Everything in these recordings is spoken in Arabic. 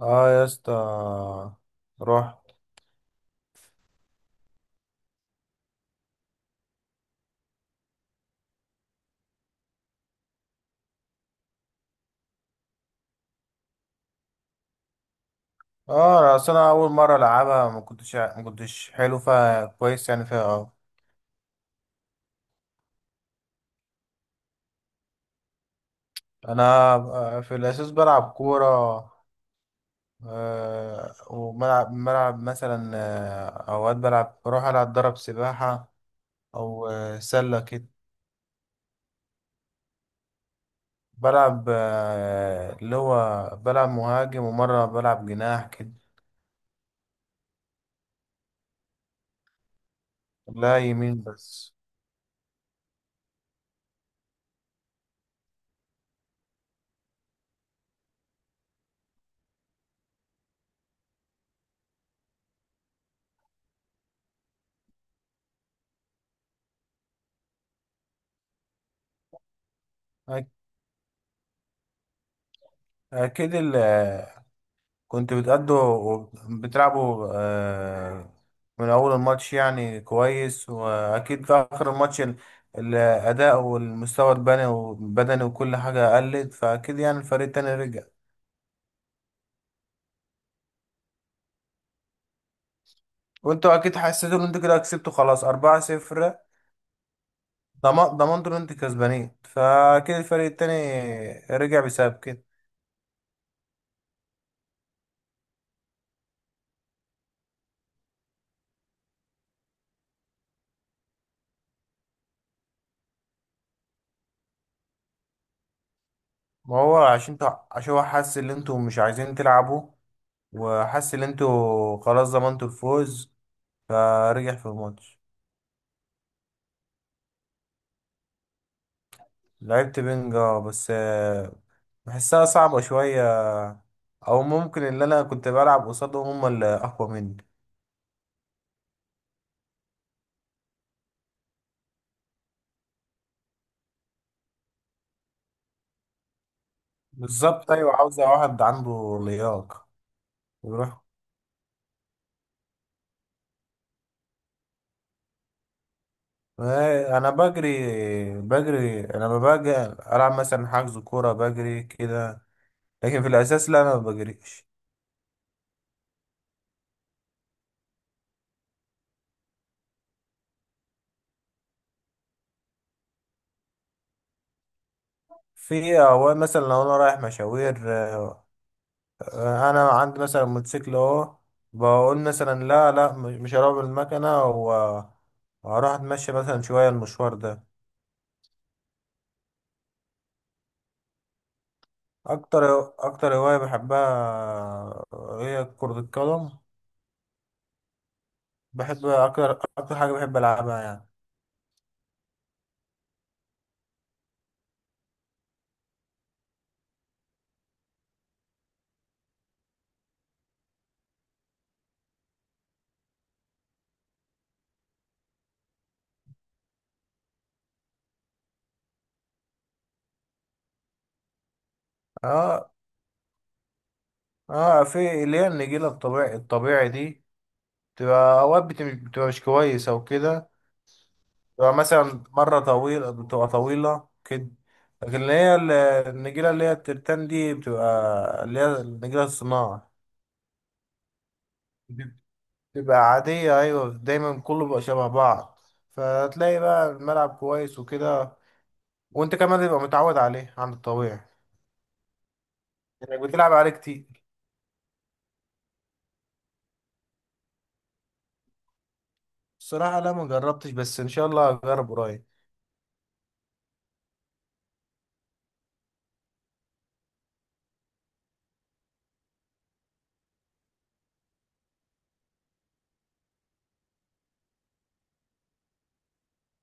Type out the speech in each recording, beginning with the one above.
اه يا اسطى. رحت. اه اصل انا اول مره العبها، ما كنتش حلو فيها كويس يعني فيها اه انا في الاساس بلعب كوره. وملعب مثلا، اوقات بلعب بروح العب ضرب سباحه، او سله كده. بلعب اللي هو بلعب مهاجم، ومره بلعب جناح كده. لا، يمين بس. أك- اكيد. كنت بتلعبوا من أول الماتش يعني كويس. وأكيد في آخر الماتش الأداء والمستوى البدني والبدني وكل حاجة قلت، فأكيد يعني الفريق التاني رجع. وأنتوا أكيد حسيتوا إن أنتوا كده كسبتوا خلاص، أربعة صفر. ضمنتوا إن أنتوا كسبانين، فأكيد الفريق التاني رجع بسبب كده. ما هو عشان انتوا، عشان هو حس إن أنتوا مش عايزين تلعبوا، وحس إن أنتوا خلاص ضمنتوا الفوز، فرجع في الماتش. لعبت بنج، اه بس بحسها صعبة شوية، أو ممكن اللي أنا كنت بلعب قصادهم هم اللي أقوى مني. بالظبط، أيوة، عاوزة واحد عنده لياقة يروح. أنا بجري. أنا لما باجي ألعب مثلا حجز كورة بجري كده، لكن في الأساس لا أنا ما بجريش. في أوقات مثلا لو أنا رايح مشاوير انا عندي مثلا موتوسيكل اهو، بقول مثلا لا لا مش هروح بالمكنه، و- وهروح اتمشى مثلا شويه المشوار ده. اكتر اكتر هوايه بحبها هي كره القدم. بحب اكتر. اكتر حاجه بحب العبها يعني. اه. اه، في اللي هي النجيله الطبيعي الطبيعي دي بتبقى اوقات بتبقى مش كويسه وكده. تبقى مثلا مرة طويلة، بتبقى طويلة كده. لكن اللي هي النجيلة اللي هي الترتان دي بتبقى، اللي هي النجيلة الصناعة دي، بتبقى عادية. أيوة، دايما كله بيبقى شبه بعض، فتلاقي بقى الملعب كويس وكده. وأنت كمان تبقى متعود عليه عن الطبيعي، إنك بتلعب عليه كتير. الصراحة لا، ما جربتش، بس إن شاء الله هجرب قريب.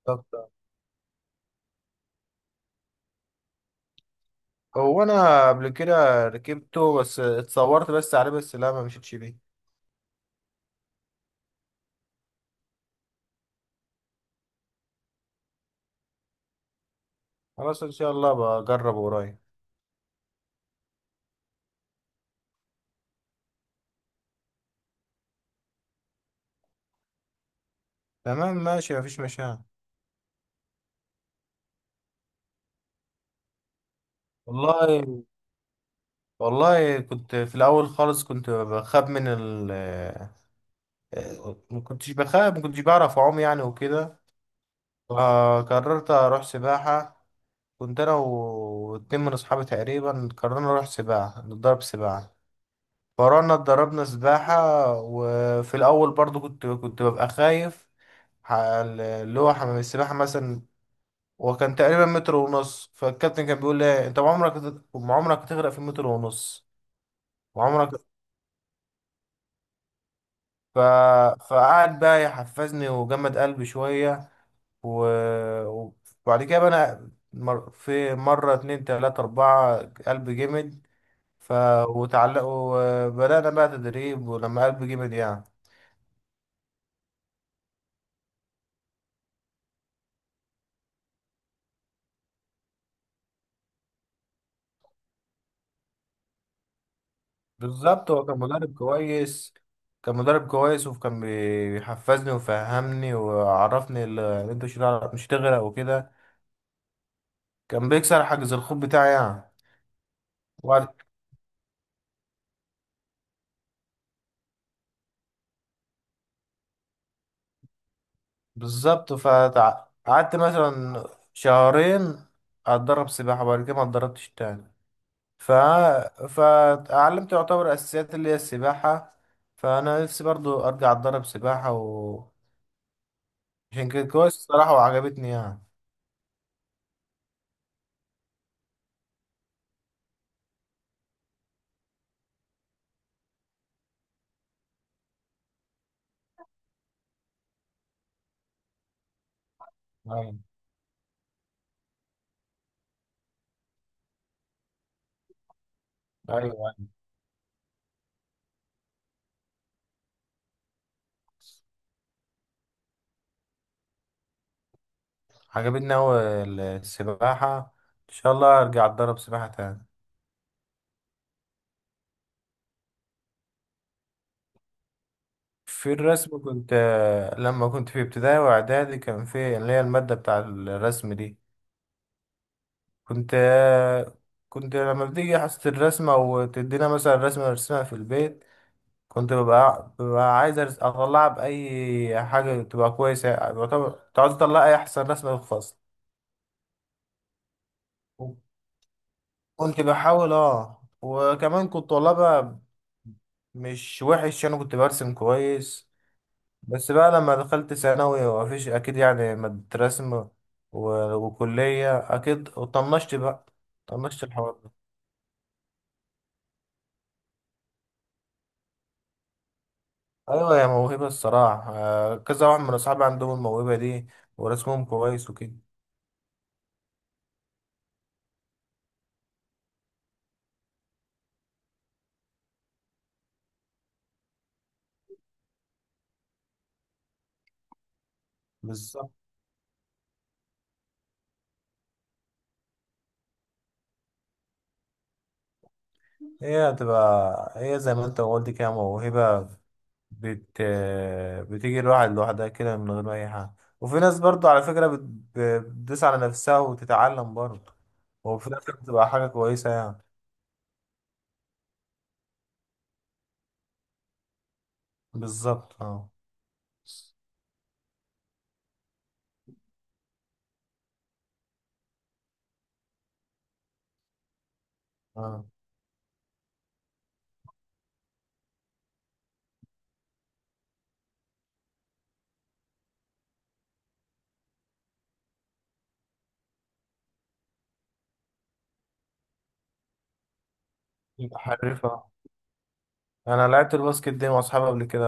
طب هو أنا قبل كده ركبته، بس اتصورت بس عليه، بس لا ما مشيتش بيه. خلاص إن شاء الله بجربه قريب. تمام ماشي، مفيش مشاكل. والله، والله كنت في الاول خالص كنت بخاف من ال آه، ما كنتش بخاف، ما كنتش بعرف اعوم يعني وكده، فقررت اروح سباحه. كنت انا و- واتنين من اصحابي تقريبا قررنا نروح سباحه نتدرب سباحه، فروحنا اتدربنا سباحه. وفي الاول برضو كنت ببقى خايف اللي هو حمام السباحة مثلا. وكان تقريبا متر ونص، فالكابتن كان بيقول لي انت عمرك عمرك هتغرق في متر ونص، وعمرك. ف... فقعد بقى يحفزني وجمد قلبي شوية، و... وبعد كده بقى في مرة اتنين تلاتة أربعة قلبي جمد. ف... وتعلق وبدأنا بقى تدريب ولما قلبي جمد يعني. بالظبط، هو كان مدرب كويس. كان مدرب كويس، وكان بيحفزني وفهمني وعرفني ان انت مش هتغرق وكده. كان بيكسر حاجز الخوف بتاعي يعني. وبعد بالظبط، فقعدت مثلا شهرين اتدرب سباحة. وبعد كده ما اتدربتش تاني. ف... فاتعلمت يعتبر اساسيات اللي هي السباحة. فانا نفسي برضو ارجع اتدرب سباحة، و عشان كده كويس الصراحة وعجبتني يعني. ايوه. ايوه. أيوة. عجبتني اوي السباحة. ان شاء الله ارجع اتدرب سباحة تاني. في الرسم كنت. لما كنت في ابتدائي واعدادي كان في اللي هي المادة بتاع الرسم دي. كنت كنت لما بتيجي حصة الرسمة وتدينا مثلا رسمة نرسمها في البيت، كنت ببقى, عايز أطلعها بأي حاجة تبقى كويسة يعني يعتبر، كنت عايز أطلع أي أحسن رسمة في الفصل. كنت بحاول، أه، وكمان كنت والله بقى مش وحش. أنا كنت برسم كويس. بس بقى لما دخلت ثانوي، ومفيش أكيد يعني مادة رسم و- وكلية أكيد، وطنشت بقى. طنشت الحوار ده. ايوه، هي موهبه الصراحه. كذا واحد من اصحابي عندهم الموهبه دي ورسمهم كويس وكده. بالظبط. هي هتبقى، هي زي ما انت قلت كده موهبه، بت... بتيجي الواحد لوحدها كده من غير اي حاجه. وفي ناس برضو على فكره بتدوس على نفسها وتتعلم برضو، وفي الاخر بتبقى حاجه كويسه يعني. بالظبط. اه. اه. يبقى حريفه. انا لعبت الباسكت دي مع اصحابي قبل كده،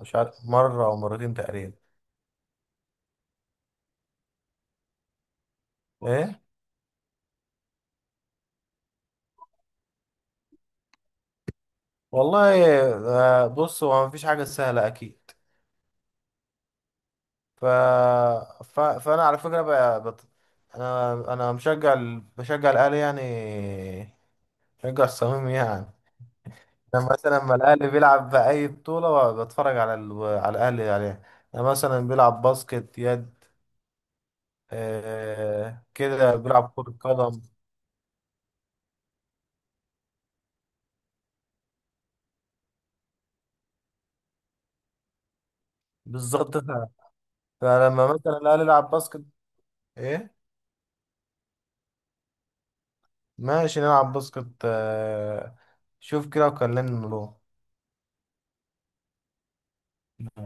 مش عارف مره او مرتين تقريبا. ايه. والله، بص، هو مفيش حاجة سهلة أكيد. ف... فأنا على فكرة بقى، أنا بشجع الأهلي يعني. بشجع الصميم يعني. أنا مثلا لما الأهلي بيلعب بأي بطولة بتفرج على على الأهلي عليها. أنا مثلا بيلعب باسكت، يد، كده، بيلعب كرة قدم. بالظبط. فلما مثلا الأهلي يلعب باسكت. إيه. ماشي نلعب باسكت. شوف كده وكلمني له.